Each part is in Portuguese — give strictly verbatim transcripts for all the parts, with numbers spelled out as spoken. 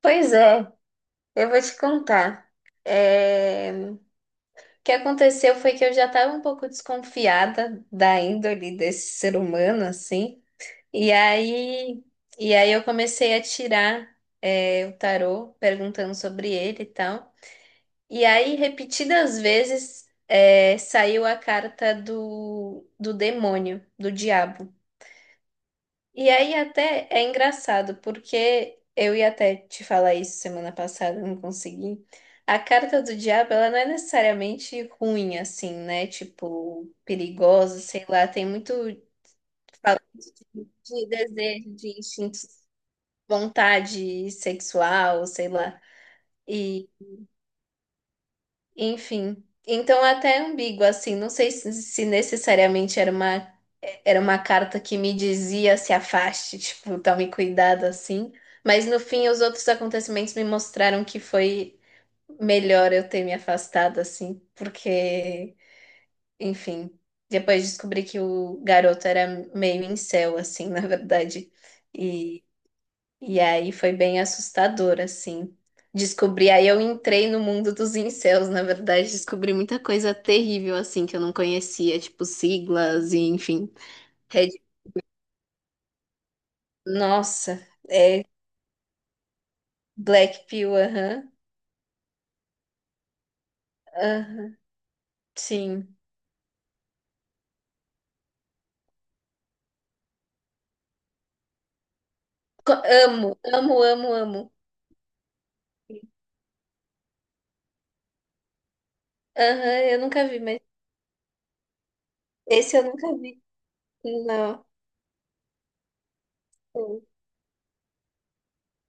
Pois é, eu vou te contar. É, O que aconteceu foi que eu já estava um pouco desconfiada da índole desse ser humano, assim. E aí, e aí eu comecei a tirar, é, o tarô, perguntando sobre ele e tal. E aí, repetidas vezes, é, saiu a carta do, do demônio, do diabo. E aí até é engraçado, porque eu ia até te falar isso semana passada, não consegui. A carta do diabo, ela não é necessariamente ruim, assim, né? Tipo, perigosa, sei lá. Tem muito fala de, de desejo, de instinto, vontade sexual, sei lá. Enfim, então é até ambíguo assim, não sei se, se necessariamente era uma era uma carta que me dizia se afaste, tipo, tome cuidado assim, mas no fim os outros acontecimentos me mostraram que foi melhor eu ter me afastado assim, porque, enfim, depois descobri que o garoto era meio incel assim, na verdade. E aí foi bem assustador, assim. Descobri, aí eu entrei no mundo dos incels, na verdade, descobri muita coisa terrível, assim, que eu não conhecia, tipo siglas e enfim. Red... Nossa, é Black Pill, aham, aham, sim. Co- Amo, amo, amo, amo. Aham, eu nunca vi, mas esse eu nunca vi. Não. é,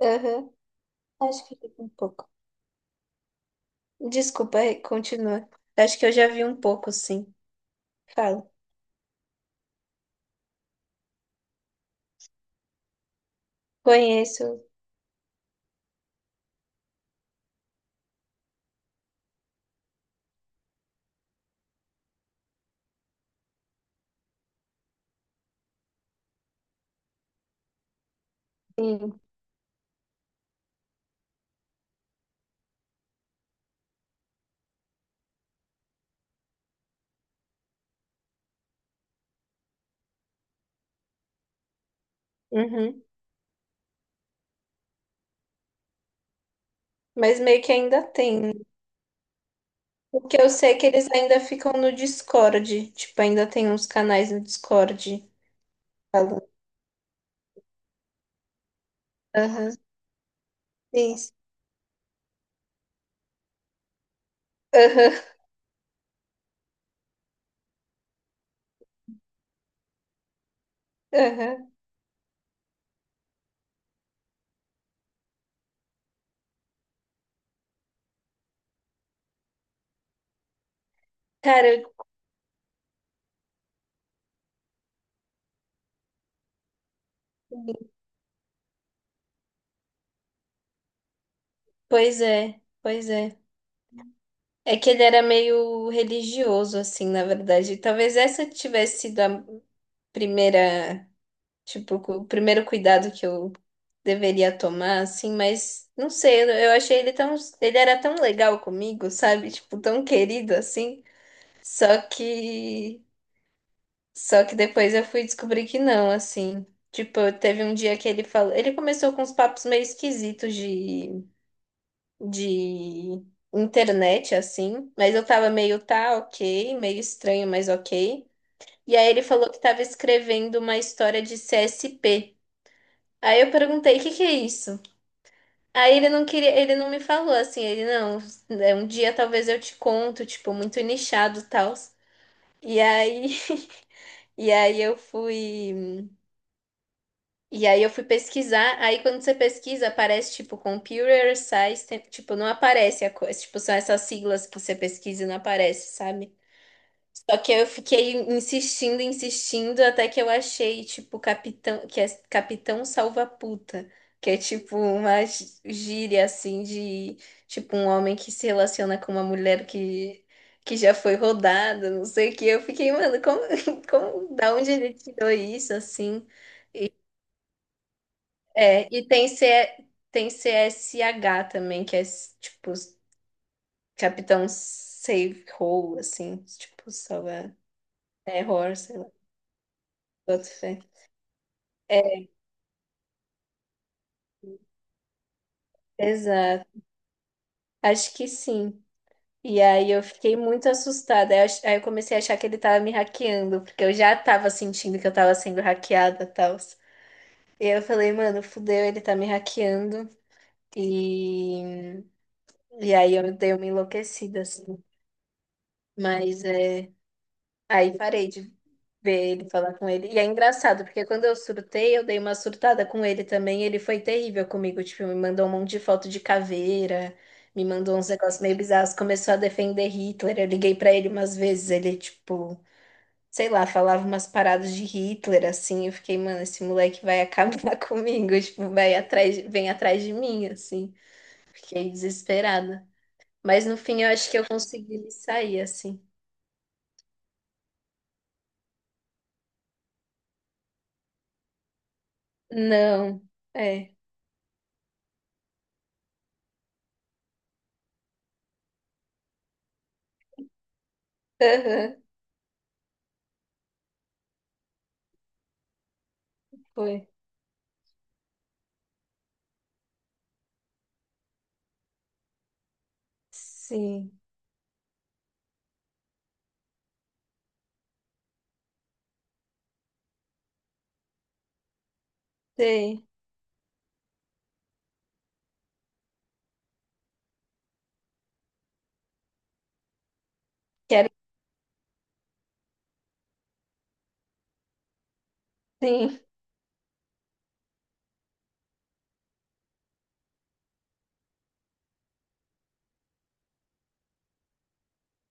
Aham, acho que eu vi um pouco. Desculpa, continua. Acho que eu já vi um pouco, sim. Fala. Conheço. Sim. Uhum. Mas meio que ainda tem, né? Porque eu sei que eles ainda ficam no Discord. Tipo, ainda tem uns canais no Discord falando. Aham. Isso. Aham. Aham. Cara, pois é. Pois é. É que ele era meio religioso, assim, na verdade. Talvez essa tivesse sido a primeira. Tipo, cu- o primeiro cuidado que eu deveria tomar, assim, mas não sei. Eu eu achei ele tão. Ele era tão legal comigo, sabe? Tipo, tão querido assim. Só que só que depois eu fui descobrir que não, assim. Tipo, eu- teve um dia que ele falou, ele começou com uns papos meio esquisitos de de internet assim, mas eu tava meio tá, OK, meio estranho, mas OK. E aí ele falou que tava escrevendo uma história de C S P. Aí eu perguntei, o que que é isso? Aí ele não queria, ele não me falou assim, ele não, é um dia talvez eu te conto, tipo, muito nichado e tal. E aí, e aí eu fui E aí eu fui pesquisar, aí quando você pesquisa, aparece tipo Computer Science, tem- tipo, não aparece a coisa, tipo, são essas siglas que você pesquisa e não aparece, sabe? Só que eu fiquei insistindo, insistindo, até que eu achei, tipo, Capitão, que é Capitão Salva-Puta, que é tipo uma gí- gíria assim de tipo um homem que se relaciona com uma mulher que que já foi rodada, não sei o que. Eu fiquei, mano, como, como, da onde ele tirou isso assim? É, e tem C, tem C S H também, que é tipo Capitão Save Hole, assim, tipo, salva terror, sei lá, boto fé. Exato, acho que sim. E aí eu fiquei muito assustada. Aí eu ach- aí eu comecei a achar que ele tava me hackeando, porque eu já tava sentindo que eu tava sendo hackeada e tal. E eu falei, mano, fudeu, ele tá me hackeando. E, e aí eu dei uma enlouquecida, assim. Mas é... aí parei de ver ele, falar com ele. E é engraçado, porque quando eu surtei, eu dei uma surtada com ele também. Ele foi terrível comigo, tipo, me mandou um monte de foto de caveira, me mandou uns negócios meio bizarros, começou a defender Hitler. Eu liguei pra ele umas vezes, ele, tipo, sei lá, falava umas paradas de Hitler, assim. Eu fiquei, mano, esse moleque vai acabar comigo, tipo, vai atrás, de- vem atrás de mim, assim. Fiquei desesperada. Mas no fim eu acho que eu consegui me sair, assim. Não, é. Aham, foi. Sim. Sei. Quero sim.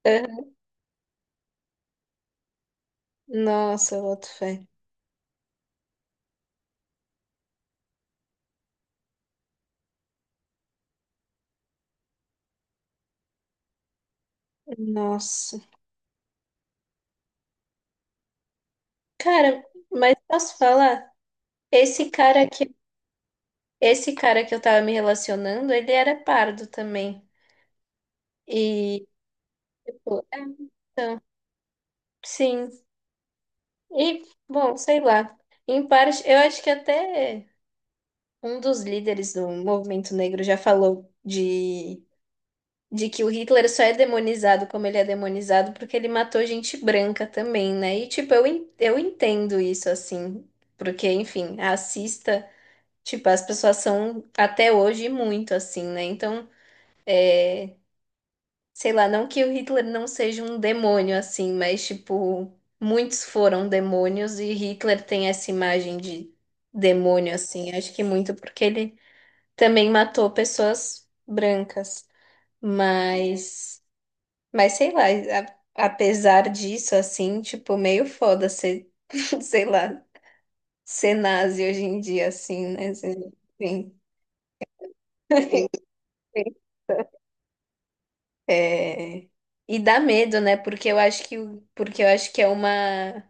Aham. Nossa, boto fé. Nossa. Cara, mas posso falar? Esse cara que, esse cara que eu tava me relacionando, ele era pardo também. E, tipo, é, então, sim. E, bom, sei lá. Em parte, eu acho que até um dos líderes do movimento negro já falou de de que o Hitler só é demonizado como ele é demonizado porque ele matou gente branca também, né? E, tipo, eu, en- eu entendo isso, assim, porque, enfim, racista, tipo, as pessoas são até hoje muito assim, né? Então, é, sei lá, não que o Hitler não seja um demônio, assim, mas, tipo, muitos foram demônios e Hitler tem essa imagem de demônio, assim, acho que muito porque ele também matou pessoas brancas. Mas mas sei lá, a- apesar disso, assim, tipo, meio foda ser, sei lá, ser nazi hoje em dia, assim, né? Cê- Enfim. É, e dá medo, né? Porque eu acho que o- porque eu acho que é uma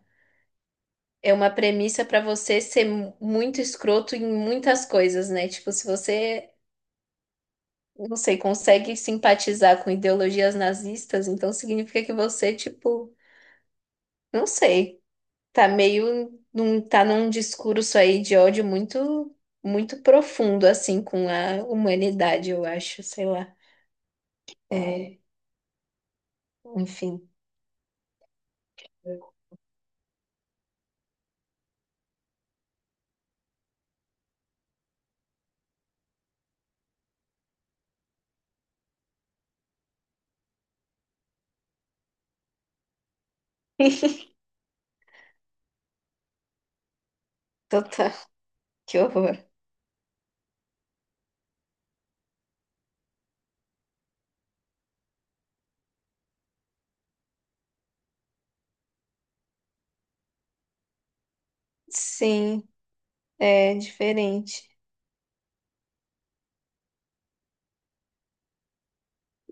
é uma premissa para você ser mu- muito escroto em muitas coisas, né? Tipo, se você, não sei, consegue simpatizar com ideologias nazistas, então significa que você, tipo, não sei. Tá meio num, tá num discurso aí de ódio muito muito profundo assim com a humanidade, eu acho, sei lá. É, enfim, total, que horror. Sim, é diferente.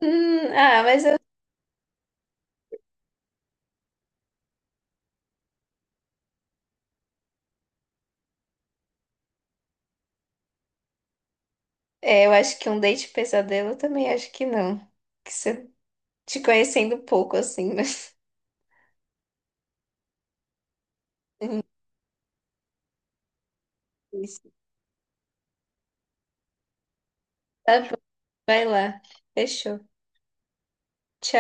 Hum, ah, mas eu, é, eu acho que um date pesadelo eu também acho que não. Que você te conhecendo pouco assim, mas Hum, isso. Tá bom, vai lá. Fechou. Tchau.